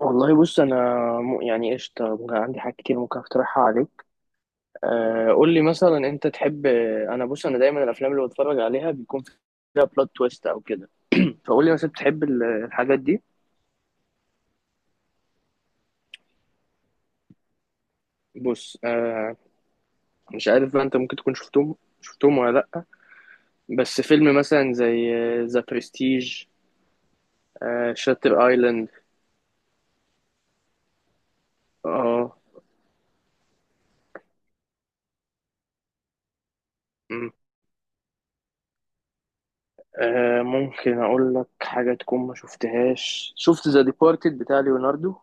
والله بص انا قشطه، ممكن عندي حاجات كتير ممكن اقترحها عليك. آه، قول لي مثلا انت تحب. انا دايما الافلام اللي بتفرج عليها بيكون فيها بلوت تويست او كده، فقول لي مثلا بتحب الحاجات دي. بص، آه، مش عارف بقى انت ممكن تكون شفتهم ولا لا. بس فيلم مثلا زي ذا برستيج، شاتر ايلاند. اه، م. آه، ممكن اقول لك حاجه تكون ما شفتهاش، شفت ذا ديبارتد بتاع ليوناردو.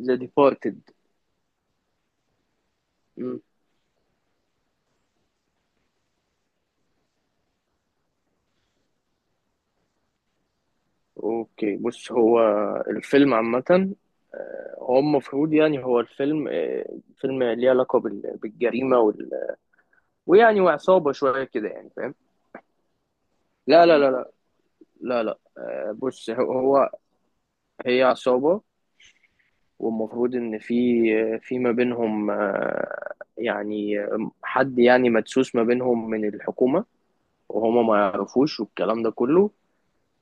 ذا ديبارتد. اوكي، بص، هو الفيلم عامة آه، هو المفروض يعني هو الفيلم آه، فيلم ليه علاقة بالجريمة ويعني وعصابة شوية كده، يعني فاهم. لا لا. مم. لا لا. آه، بص هو هي عصابة، والمفروض إن في آه، في ما بينهم آه، يعني آه، حد يعني مدسوس ما بينهم من الحكومة، وهما ما يعرفوش، والكلام ده كله.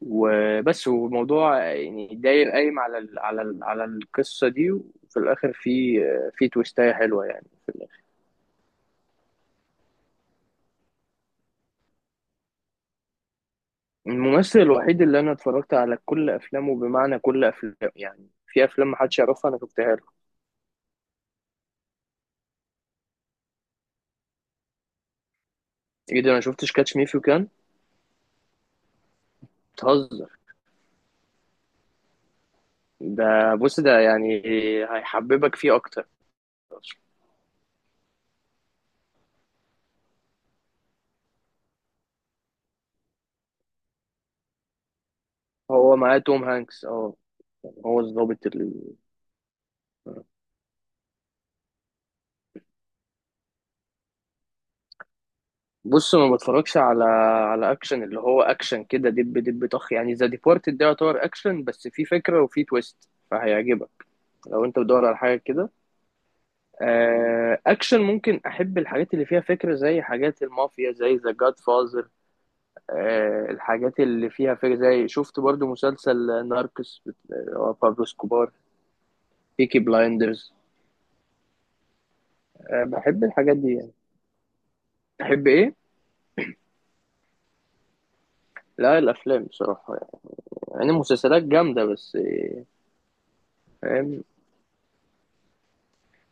وبس، والموضوع يعني داير قايم على ال على ال على القصة دي، وفي الآخر في في تويستاية حلوة يعني في الآخر. الممثل الوحيد اللي أنا اتفرجت على كل أفلامه، بمعنى كل أفلام، يعني في أفلام محدش يعرفها أنا شفتها له. إيه ده، أنا شفتش كاتش مي فيو كان؟ بتهزر. ده بص ده يعني هيحببك فيه أكتر. هو معاه توم هانكس أه، هو الظابط. بص ما بتفرجش على اكشن اللي هو اكشن كده دب دب طخ، يعني ذا ديبارتد ده يعتبر اكشن بس فيه فكره وفيه تويست، فهيعجبك لو انت بتدور على حاجه كده. آه، اكشن ممكن، احب الحاجات اللي فيها فكره زي حاجات المافيا زي ذا جاد فازر. الحاجات اللي فيها فكره، زي شفت برضو مسلسل ناركس، هو بابلو سكوبار، بيكي بلايندرز. آه، بحب الحاجات دي يعني، بحب ايه. لا الافلام بصراحه، يعني يعني المسلسلات جامده بس.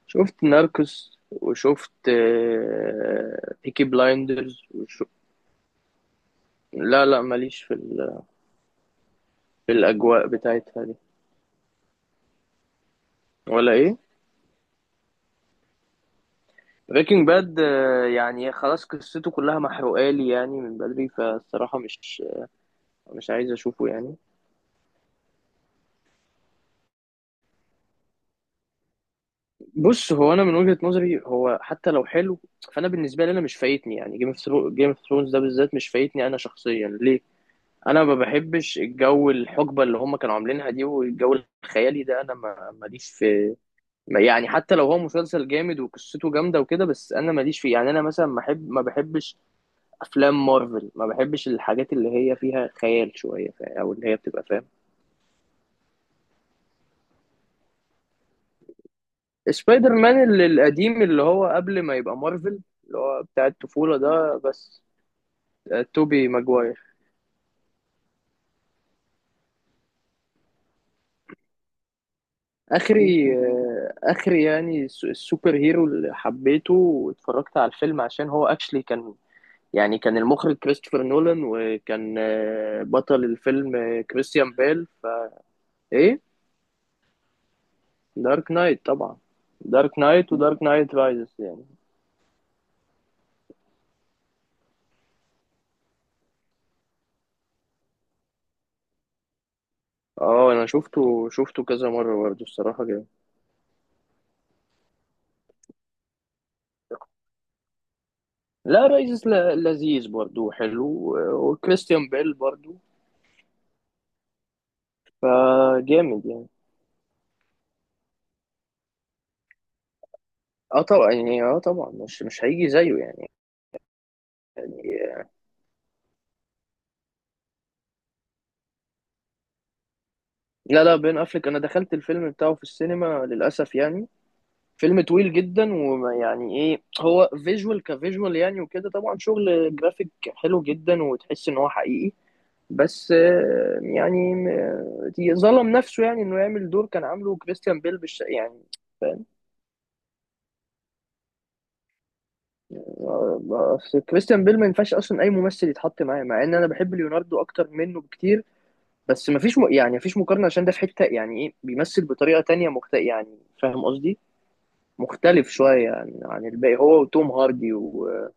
شفت ناركوس وشفت آه، بيكي بلايندرز لا لا ماليش في في الأجواء بتاعتها دي. ولا إيه، بريكنج باد؟ يعني خلاص قصته كلها محروقة لي يعني من بدري، فالصراحة مش عايز أشوفه يعني. بص هو أنا من وجهة نظري هو حتى لو حلو، فأنا بالنسبة لي أنا مش فايتني، يعني جيم اوف ثرونز ده بالذات مش فايتني أنا شخصيا، ليه؟ أنا ما بحبش الجو، الحقبة اللي هم كانوا عاملينها دي، والجو الخيالي ده أنا ماليش في يعني. حتى لو هو مسلسل جامد وقصته جامده وكده، بس انا ماليش فيه يعني. انا مثلا ما بحبش افلام مارفل، ما بحبش الحاجات اللي هي فيها خيال شويه او اللي هي بتبقى فاهم. سبايدر مان القديم، اللي هو قبل ما يبقى مارفل، اللي هو بتاع الطفوله ده. بس آه، توبي ماجواير. اخري، آه، اخري يعني السوبر هيرو اللي حبيته واتفرجت على الفيلم عشان هو اكشلي كان يعني، كان المخرج كريستوفر نولان، وكان آه، بطل الفيلم آه، كريستيان بيل. ايه، دارك نايت طبعا. دارك نايت ودارك نايت رايزز يعني. اه انا شفته شفته كذا مره برضه، الصراحه جامد. لا رايزز لذيذ برضه وحلو وكريستيان بيل برضه، فجامد يعني. اه طبعا يعني، اه طبعا مش هيجي زيه يعني. لا لا، بين افليك انا دخلت الفيلم بتاعه في السينما للاسف يعني، فيلم طويل جدا، ويعني ايه هو فيجوال كفيجوال يعني وكده، طبعا شغل جرافيك حلو جدا وتحس ان هو حقيقي. بس آه، يعني ظلم نفسه يعني انه يعمل دور كان عامله كريستيان بيل. يعني فاهم. آه، آه، أصل كريستيان بيل ما ينفعش اصلا اي ممثل يتحط معاه، مع ان انا بحب ليوناردو اكتر منه بكتير. بس ما فيش يعني ما فيش مقارنه، عشان ده في حته يعني ايه بيمثل بطريقه تانية يعني فاهم قصدي، مختلف شويه عن الباقي، هو وتوم هاردي وكيليان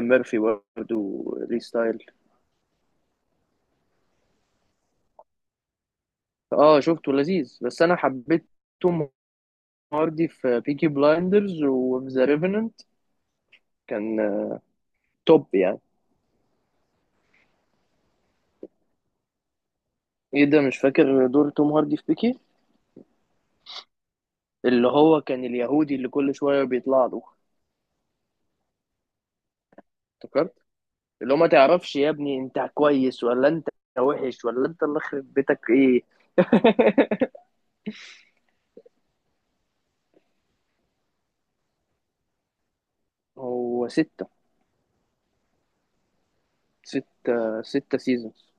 ميرفي برضه وريس ستايل. اه شفته لذيذ، بس انا حبيت توم هاردي في بيكي بلايندرز وفي ذا ريفننت، كان توب يعني. ايه ده، مش فاكر دور توم هاردي في بيكي؟ اللي هو كان اليهودي اللي كل شويه بيطلع له. افتكرت، اللي هو ما تعرفش يا ابني انت كويس ولا انت وحش ولا انت اللي خرب بيتك، ايه. هو ستة، ستة سيزونز.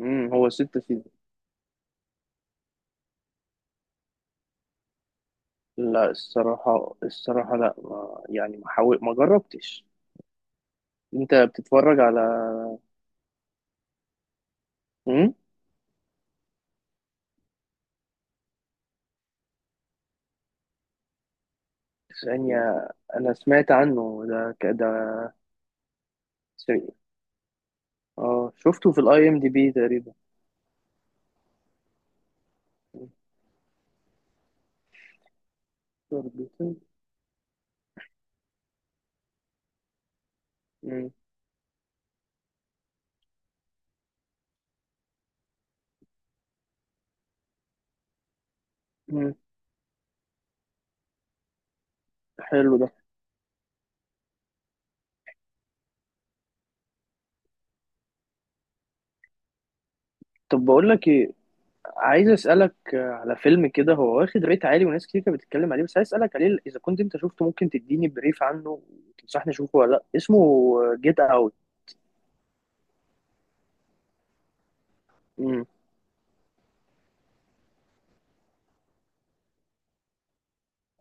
امم، هو ستة سيزونز. لا الصراحة، الصراحة لا، ما يعني ما حاول، ما جربتش. انت بتتفرج على، امم، ثانية، انا سمعت عنه ده، ده س- اه شفته في الاي ام دي بي تقريبا. مم. مم. حلو ده. طب بقول لك ايه، عايز اسالك على فيلم كده هو واخد ريت عالي وناس كتير كانت بتتكلم عليه، بس عايز اسالك عليه اذا كنت انت شفته ممكن تديني بريف عنه وتنصحني اشوفه ولا لا. اسمه جيت اوت. امم،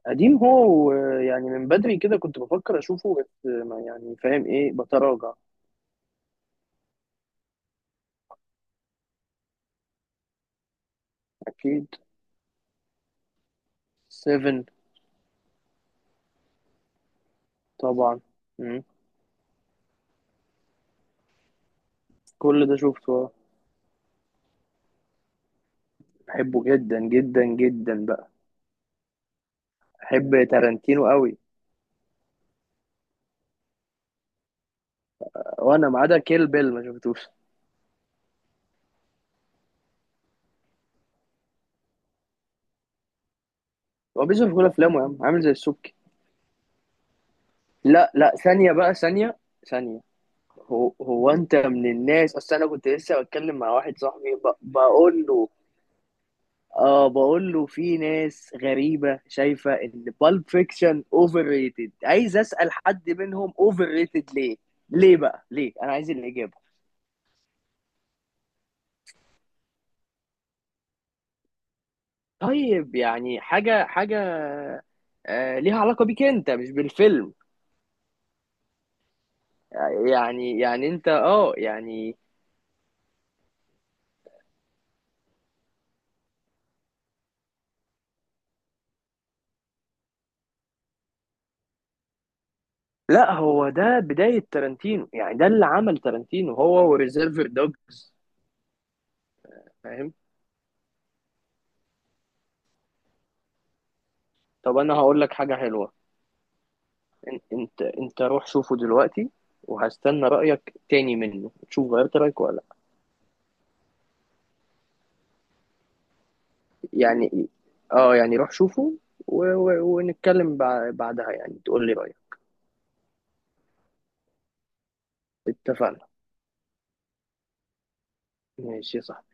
قديم هو، ويعني من بدري كده كنت بفكر اشوفه بس ما يعني فاهم ايه بتراجع. اكيد 7، طبعا. مم. كل ده شفته، بحبه جدا جدا جدا بقى. بحب تارانتينو قوي. وانا ما عدا كيل بيل ما شفتوش. هو بيظهر في كل افلامه يا عم، عامل زي السبكي. لا لا، ثانيه بقى، ثانيه، ثانيه. هو انت من الناس، اصل انا كنت لسه بتكلم مع واحد صاحبي بقول له، اه بقول له، في ناس غريبه شايفه ان بالب فيكشن اوفر ريتد، عايز اسال حد منهم اوفر ريتد ليه. ليه بقى، ليه، انا عايز الاجابه. طيب يعني، حاجه آه ليها علاقه بيك انت مش بالفيلم. يعني يعني انت اه يعني. لا، هو ده بداية تارانتينو، يعني ده اللي عمل تارانتينو، هو وريزيرفر دوجز. فاهم. طب انا هقول لك حاجة حلوة، انت انت روح شوفه دلوقتي، وهستنى رأيك تاني منه تشوف غيرت رأيك ولا لا. يعني اه يعني روح شوفه، ونتكلم بعدها، يعني تقول لي رأيك. اتفقنا. ماشي، صح.